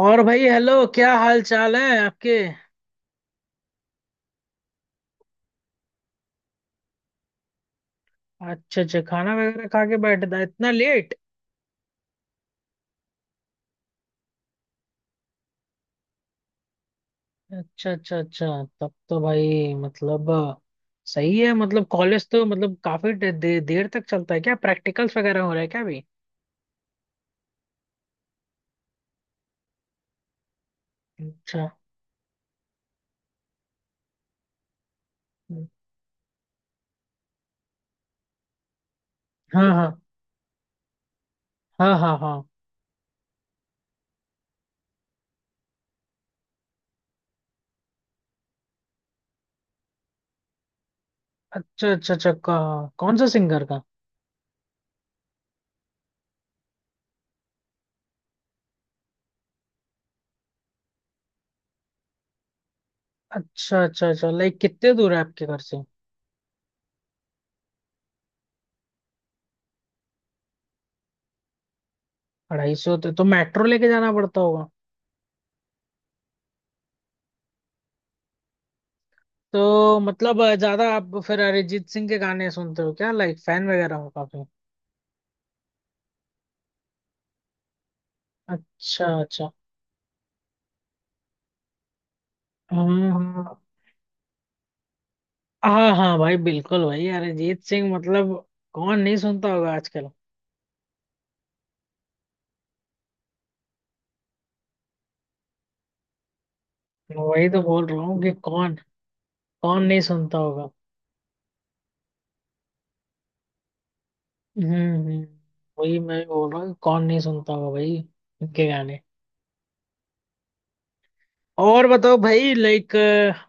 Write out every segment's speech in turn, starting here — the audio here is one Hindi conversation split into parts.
और भाई हेलो, क्या हाल चाल है आपके? अच्छा अच्छा, खाना वगैरह खा के बैठ था इतना लेट। अच्छा अच्छा अच्छा। तब तो भाई मतलब। सही है, मतलब कॉलेज तो मतलब काफी दे, दे, देर तक चलता है क्या? प्रैक्टिकल्स वगैरह हो रहे हैं क्या अभी? अच्छा। हाँ हाँ हाँ हाँ हाँ। अच्छा अच्छा अच्छा, कौन सा सिंगर का? अच्छा अच्छा अच्छा, लाइक कितने दूर है आपके घर से? 250, तो मेट्रो लेके जाना पड़ता होगा। तो मतलब ज्यादा आप फिर अरिजीत सिंह के गाने सुनते हो क्या? लाइक फैन वगैरह हो काफी? अच्छा अच्छा। हम्म, हाँ। हाँ हाँ भाई, बिल्कुल भाई, अरिजीत सिंह मतलब। कौन नहीं सुनता होगा आजकल। वही तो बोल रहा हूँ कि कौन। कौन नहीं सुनता होगा। हम्म, हम्म। वही मैं भी बोल रहा हूँ कि कौन नहीं सुनता होगा भाई। इनके गाने। और बताओ भाई, लाइक।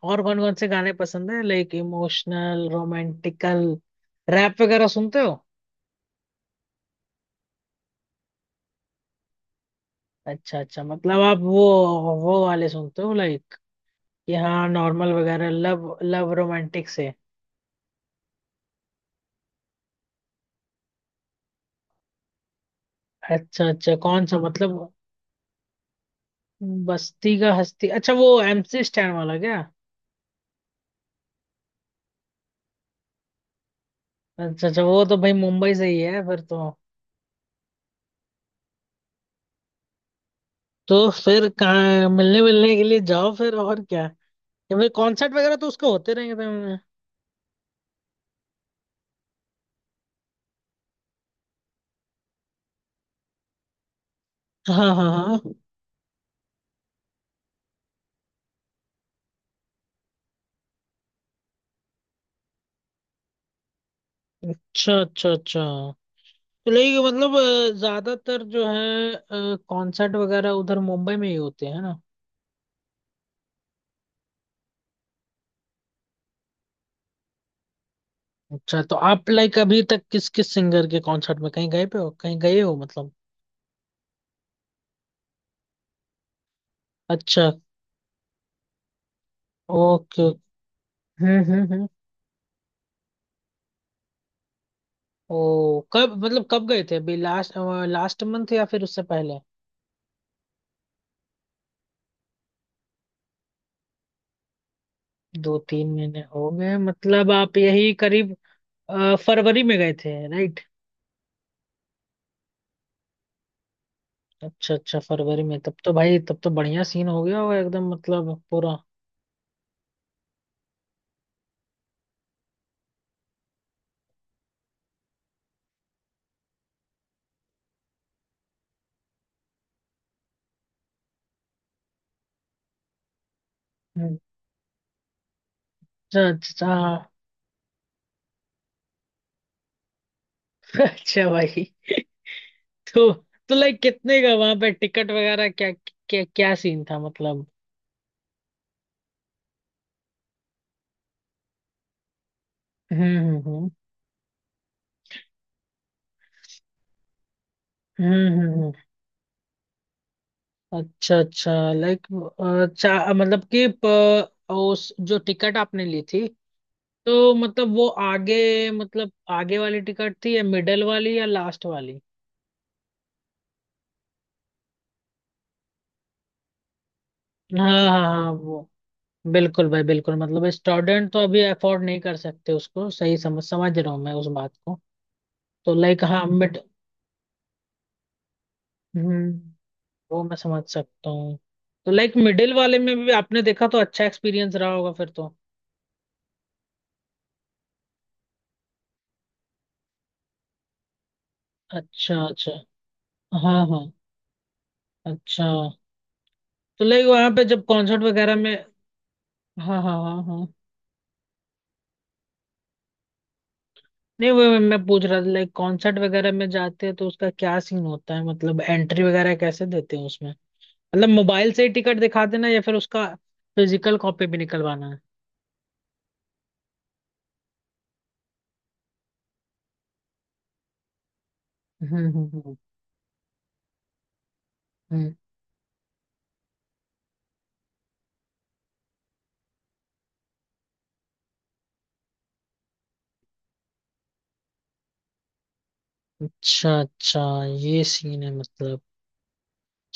और कौन कौन से गाने पसंद है? लाइक इमोशनल, रोमांटिकल, रैप वगैरह सुनते हो? अच्छा अच्छा, मतलब आप वो वाले सुनते हो लाइक, कि हाँ नॉर्मल वगैरह, लव लव रोमांटिक से। अच्छा अच्छा, कौन सा मतलब? बस्ती का हस्ती? अच्छा, वो एमसी स्टैंड वाला क्या? अच्छा अच्छा, वो तो भाई मुंबई से ही है फिर तो। तो फिर कहाँ मिलने मिलने के लिए जाओ फिर, और क्या? या फिर कॉन्सर्ट वगैरह तो उसके होते रहेंगे तो। हाँ हाँ हाँ। अच्छा अच्छा अच्छा। तो लेकिन मतलब, ज्यादातर जो है कॉन्सर्ट वगैरह उधर मुंबई में ही होते हैं ना? अच्छा, तो आप लाइक अभी तक किस किस सिंगर के कॉन्सर्ट में कहीं गए पे हो, कहीं गए हो मतलब? अच्छा। ओके। हम्म, हम्म, हम्म। ओ, कब मतलब कब गए थे अभी लास्ट लास्ट मंथ या फिर उससे पहले? 2-3 महीने हो गए, मतलब आप यही करीब फरवरी में गए थे, राइट? अच्छा अच्छा, फरवरी में? तब तो भाई, तब तो बढ़िया सीन हो गया होगा एकदम, मतलब पूरा। हम्म। अच्छा अच्छा, हाँ। अच्छा भाई। तो। तो लाइक कितने का वहां पे टिकट वगैरह, क्या क्या क्या सीन था मतलब? हम्म, हम्म, हम्म, हम्म, हम्म, हम्म। अच्छा अच्छा, लाइक चा मतलब कि उस जो टिकट आपने ली थी, तो मतलब वो आगे, मतलब आगे वाली टिकट थी, या मिडल वाली, या लास्ट वाली? हाँ हाँ हाँ, वो, बिल्कुल भाई बिल्कुल, मतलब स्टूडेंट तो अभी अफोर्ड नहीं कर सकते उसको, सही समझ समझ रहा हूँ मैं उस बात को। तो लाइक हाँ मिड। हम्म। वो मैं समझ सकता हूँ। तो लाइक मिडिल वाले में भी आपने देखा तो अच्छा एक्सपीरियंस रहा होगा फिर तो। अच्छा अच्छा। हाँ हाँ। अच्छा। तो लाइक वहां पे जब कॉन्सर्ट वगैरह में, हाँ हाँ हाँ हाँ, नहीं वो मैं पूछ रहा था लाइक कॉन्सर्ट वगैरह में जाते हैं तो उसका क्या सीन होता है? मतलब एंट्री वगैरह कैसे देते हैं उसमें? मतलब मोबाइल से ही टिकट दिखा देना, या फिर उसका फिजिकल कॉपी भी निकलवाना है? हम्म, हम्म, हम्म, हम्म। अच्छा अच्छा, ये सीन है मतलब।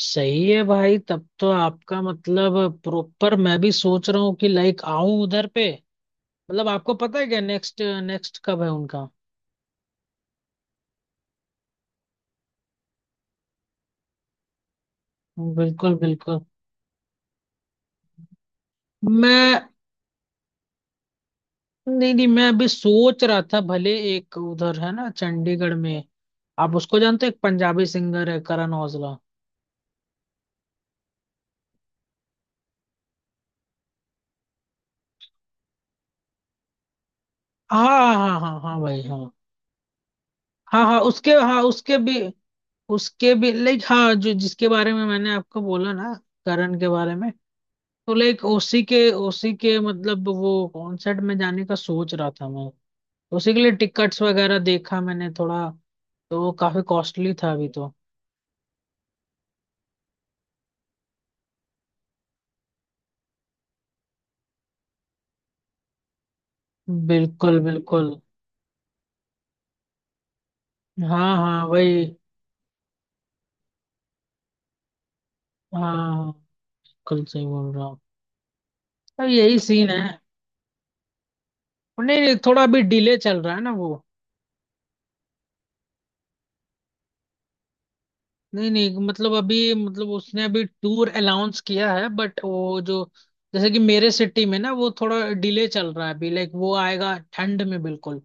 सही है भाई, तब तो आपका मतलब प्रॉपर, मैं भी सोच रहा हूँ कि लाइक आऊं उधर पे। मतलब आपको पता है क्या नेक्स्ट नेक्स्ट कब है उनका? बिल्कुल बिल्कुल। मैं। नहीं नहीं, मैं अभी सोच रहा था भले एक उधर है ना चंडीगढ़ में। आप उसको जानते हो? एक पंजाबी सिंगर है, करण औजला। हाँ हाँ हाँ हाँ भाई, हाँ। हाँ हाँ उसके, हाँ उसके भी, उसके भी लाइक हाँ, जो जिसके बारे में मैंने आपको बोला ना, करण के बारे में। तो लाइक उसी के, उसी के मतलब, वो कॉन्सर्ट में जाने का सोच रहा था मैं। उसी के लिए टिकट्स वगैरह देखा मैंने थोड़ा। तो वो काफी कॉस्टली था अभी तो। बिल्कुल बिल्कुल। हाँ हाँ वही। हाँ। कल सही बोल रहा हूँ। अब यही सीन है। नहीं नहीं, थोड़ा अभी डिले चल रहा है ना वो। नहीं नहीं, मतलब अभी, मतलब उसने अभी टूर अनाउंस किया है, बट वो जो, जैसे कि मेरे सिटी में ना, वो थोड़ा डिले चल रहा है अभी, लाइक वो आएगा ठंड में, बिल्कुल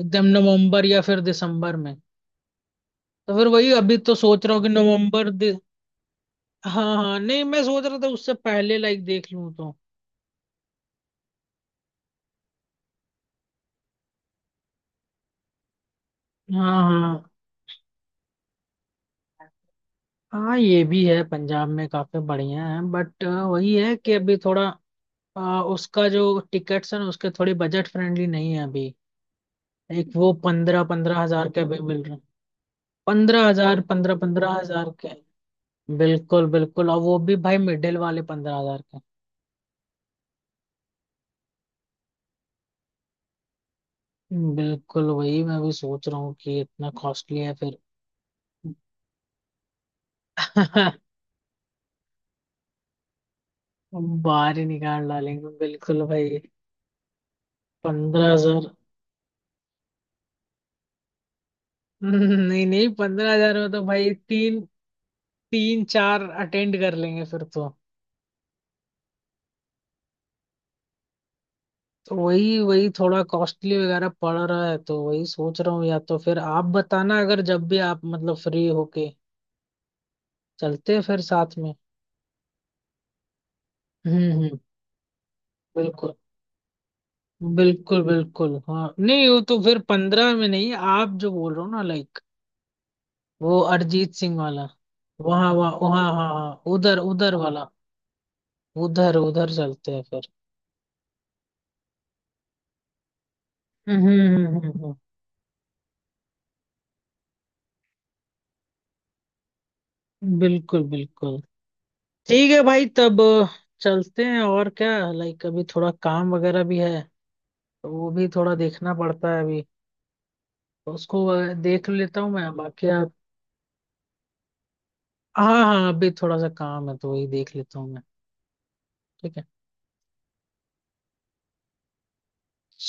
एकदम नवंबर या फिर दिसंबर में। तो फिर वही अभी तो सोच रहा हूँ कि नवंबर हाँ हाँ, नहीं मैं सोच रहा था उससे पहले लाइक देख लूँ तो। हाँ हाँ हाँ, ये भी है, पंजाब में काफी बढ़िया है, बट वही है कि अभी थोड़ा उसका जो टिकट्स है ना उसके, थोड़ी बजट फ्रेंडली नहीं है अभी। एक वो पंद्रह पंद्रह हजार के भी मिल रहे। पंद्रह हजार, पंद्रह पंद्रह हजार के। बिल्कुल बिल्कुल, और वो भी भाई मिडिल वाले 15,000 के। बिल्कुल, वही मैं भी सोच रहा हूँ कि इतना कॉस्टली है फिर। बाहर ही निकाल डालेंगे बिल्कुल भाई। 15,000। नहीं नहीं, 15,000 में तो भाई तीन तीन चार अटेंड कर लेंगे फिर तो। तो वही वही थोड़ा कॉस्टली वगैरह पड़ रहा है, तो वही सोच रहा हूँ, या तो फिर आप बताना, अगर जब भी आप मतलब फ्री होके चलते हैं फिर साथ में। हम्म, हम्म। बिल्कुल। बिल्कुल बिल्कुल हाँ, नहीं वो तो फिर पंद्रह में नहीं, आप जो बोल रहे हो ना लाइक, वो अरिजीत सिंह वाला। वहाँ वहाँ वहाँ हाँ हाँ, उधर उधर वाला। उधर उधर चलते हैं फिर। हम्म, हम्म, बिल्कुल बिल्कुल। ठीक है भाई, तब चलते हैं और क्या, लाइक अभी थोड़ा काम वगैरह भी है तो वो भी थोड़ा देखना पड़ता है अभी। तो उसको देख लेता हूँ मैं, बाकी आप। हाँ हाँ, अभी थोड़ा सा काम है तो वही देख लेता हूँ मैं। ठीक है।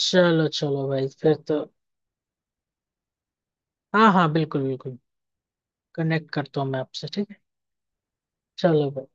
चलो चलो भाई फिर तो। हाँ हाँ बिल्कुल बिल्कुल। कनेक्ट करता हूँ मैं आपसे, ठीक है। चलो भाई।